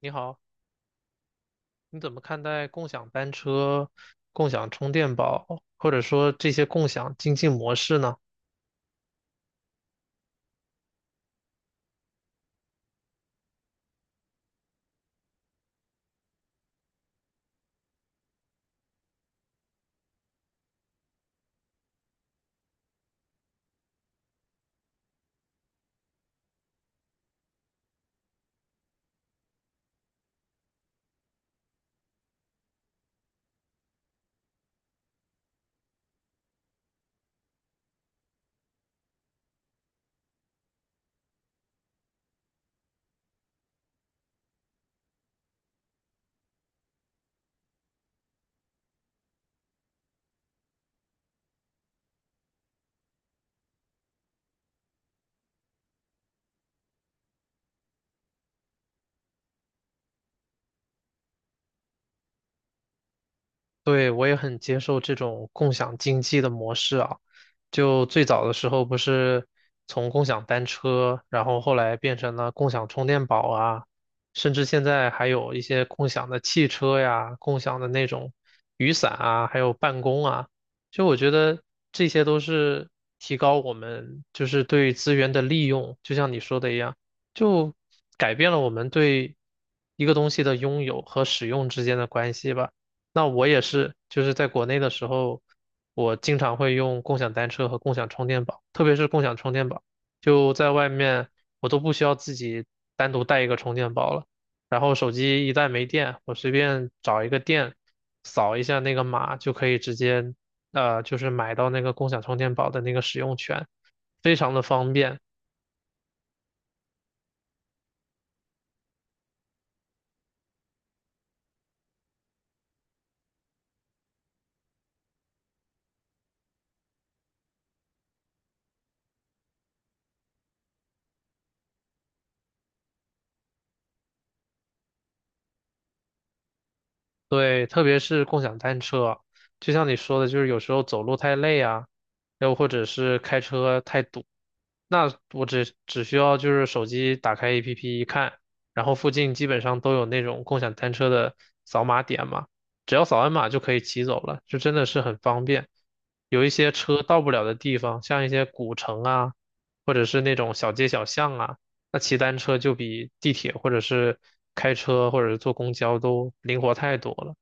你好，你怎么看待共享单车、共享充电宝，或者说这些共享经济模式呢？对，我也很接受这种共享经济的模式啊。就最早的时候不是从共享单车，然后后来变成了共享充电宝啊，甚至现在还有一些共享的汽车呀、共享的那种雨伞啊，还有办公啊。就我觉得这些都是提高我们就是对资源的利用，就像你说的一样，就改变了我们对一个东西的拥有和使用之间的关系吧。那我也是，就是在国内的时候，我经常会用共享单车和共享充电宝，特别是共享充电宝，就在外面我都不需要自己单独带一个充电宝了。然后手机一旦没电，我随便找一个店，扫一下那个码就可以直接，就是买到那个共享充电宝的那个使用权，非常的方便。对，特别是共享单车，就像你说的，就是有时候走路太累啊，又或者是开车太堵，那我只需要就是手机打开 APP 一看，然后附近基本上都有那种共享单车的扫码点嘛，只要扫完码就可以骑走了，就真的是很方便。有一些车到不了的地方，像一些古城啊，或者是那种小街小巷啊。那骑单车就比地铁或者是开车或者是坐公交都灵活太多了。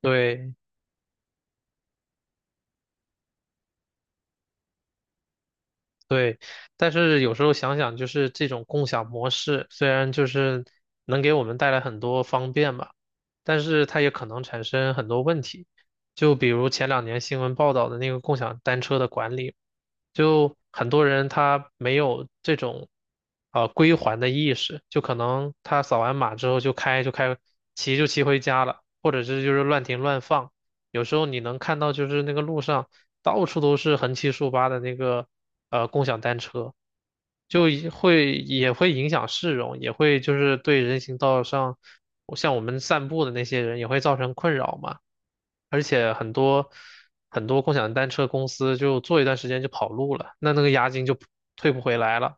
对，对，但是有时候想想，就是这种共享模式，虽然就是能给我们带来很多方便吧，但是它也可能产生很多问题。就比如前两年新闻报道的那个共享单车的管理，就很多人他没有这种归还的意识，就可能他扫完码之后就开，骑就骑回家了，或者是就是乱停乱放。有时候你能看到，就是那个路上到处都是横七竖八的那个共享单车，就也会影响市容，也会就是对人行道上像我们散步的那些人也会造成困扰嘛。而且很多共享单车公司就做一段时间就跑路了，那那个押金就退不回来了。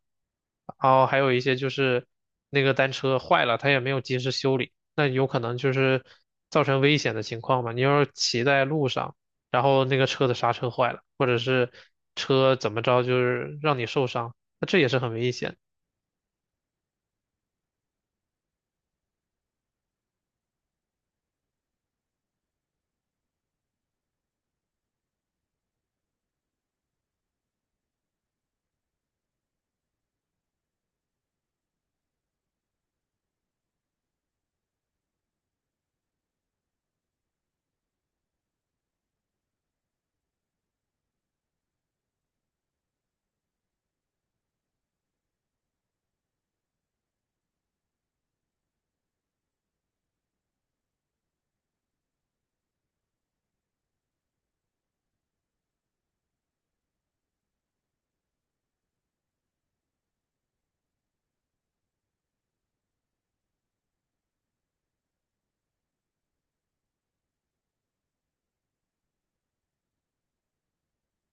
然后还有一些就是那个单车坏了，他也没有及时修理，那有可能就是造成危险的情况嘛。你要是骑在路上，然后那个车的刹车坏了，或者是车怎么着就是让你受伤，那这也是很危险的。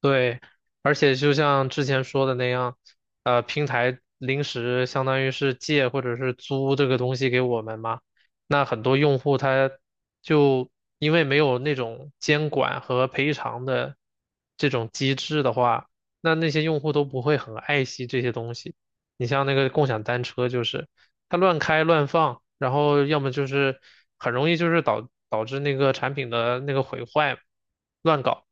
对，而且就像之前说的那样，平台临时相当于是借或者是租这个东西给我们嘛，那很多用户他就因为没有那种监管和赔偿的这种机制的话，那那些用户都不会很爱惜这些东西。你像那个共享单车，就是它乱开乱放，然后要么就是很容易就是导致那个产品的那个毁坏，乱搞。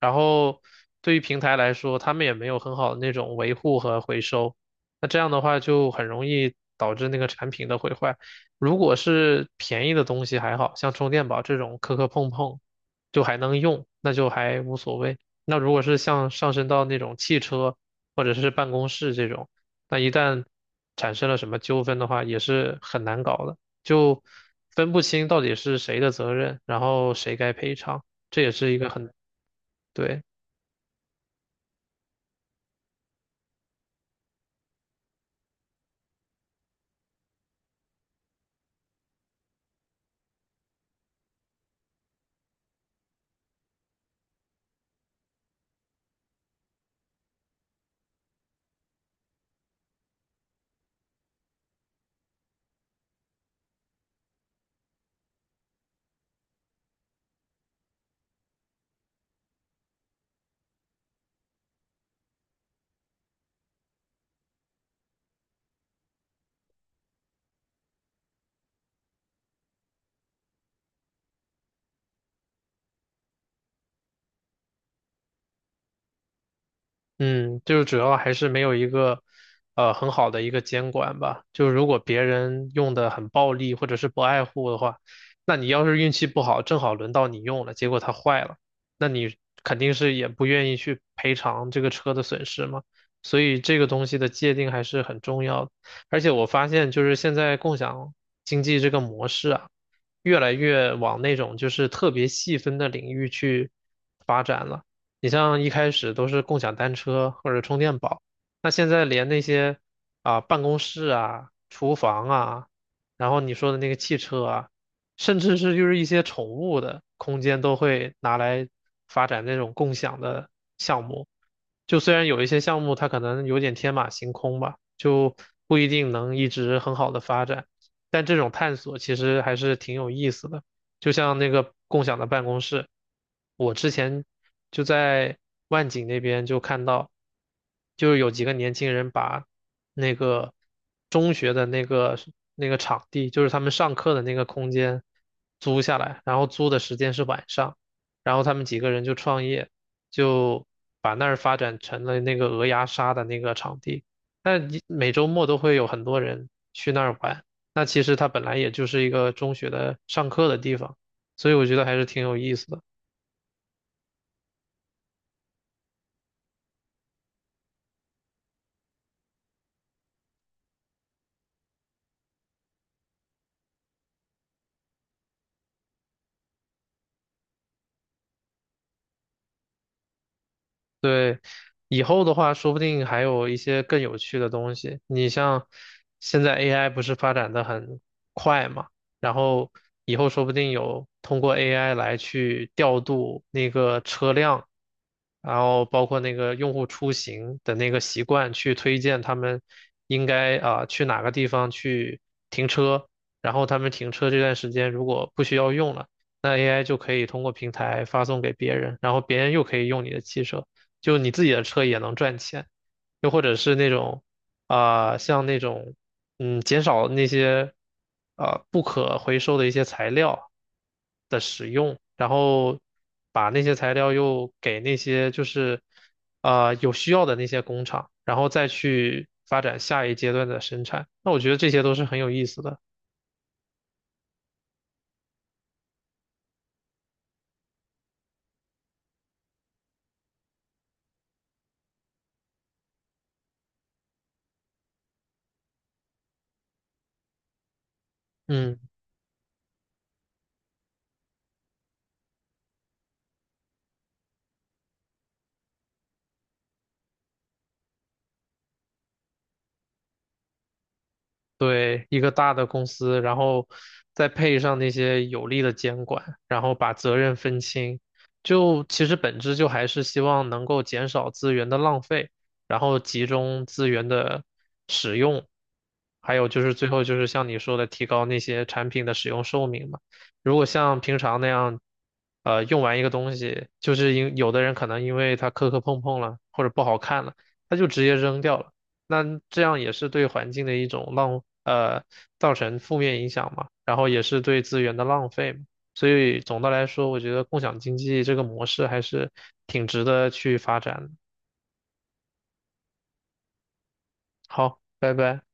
然后对于平台来说，他们也没有很好的那种维护和回收，那这样的话就很容易导致那个产品的毁坏。如果是便宜的东西还好，像充电宝这种磕磕碰碰，就还能用，那就还无所谓。那如果是像上升到那种汽车或者是办公室这种，那一旦产生了什么纠纷的话，也是很难搞的，就分不清到底是谁的责任，然后谁该赔偿，这也是一个很，对。嗯，就是主要还是没有一个很好的一个监管吧。就如果别人用的很暴力或者是不爱护的话，那你要是运气不好，正好轮到你用了，结果它坏了，那你肯定是也不愿意去赔偿这个车的损失嘛。所以这个东西的界定还是很重要的。而且我发现，就是现在共享经济这个模式啊，越来越往那种就是特别细分的领域去发展了。你像一开始都是共享单车或者充电宝，那现在连那些啊、办公室啊、厨房啊，然后你说的那个汽车啊，甚至是就是一些宠物的空间都会拿来发展那种共享的项目。就虽然有一些项目它可能有点天马行空吧，就不一定能一直很好的发展，但这种探索其实还是挺有意思的。就像那个共享的办公室，我之前就在万景那边就看到，就是有几个年轻人把那个中学的那个场地，就是他们上课的那个空间租下来，然后租的时间是晚上，然后他们几个人就创业，就把那儿发展成了那个鹅鸭杀的那个场地，但一每周末都会有很多人去那儿玩。那其实它本来也就是一个中学的上课的地方，所以我觉得还是挺有意思的。对，以后的话，说不定还有一些更有趣的东西。你像现在 AI 不是发展的很快嘛，然后以后说不定有通过 AI 来去调度那个车辆，然后包括那个用户出行的那个习惯，去推荐他们应该啊、去哪个地方去停车，然后他们停车这段时间如果不需要用了。那 AI 就可以通过平台发送给别人，然后别人又可以用你的汽车，就你自己的车也能赚钱，又或者是那种啊、像那种嗯，减少那些不可回收的一些材料的使用，然后把那些材料又给那些就是有需要的那些工厂，然后再去发展下一阶段的生产。那我觉得这些都是很有意思的，嗯。对，一个大的公司，然后再配上那些有力的监管，然后把责任分清，就其实本质就还是希望能够减少资源的浪费，然后集中资源的使用，还有就是最后就是像你说的，提高那些产品的使用寿命嘛。如果像平常那样，用完一个东西，就是因有的人可能因为它磕磕碰碰了，或者不好看了，他就直接扔掉了。那这样也是对环境的一种浪，造成负面影响嘛，然后也是对资源的浪费嘛。所以总的来说，我觉得共享经济这个模式还是挺值得去发展的。好，拜拜。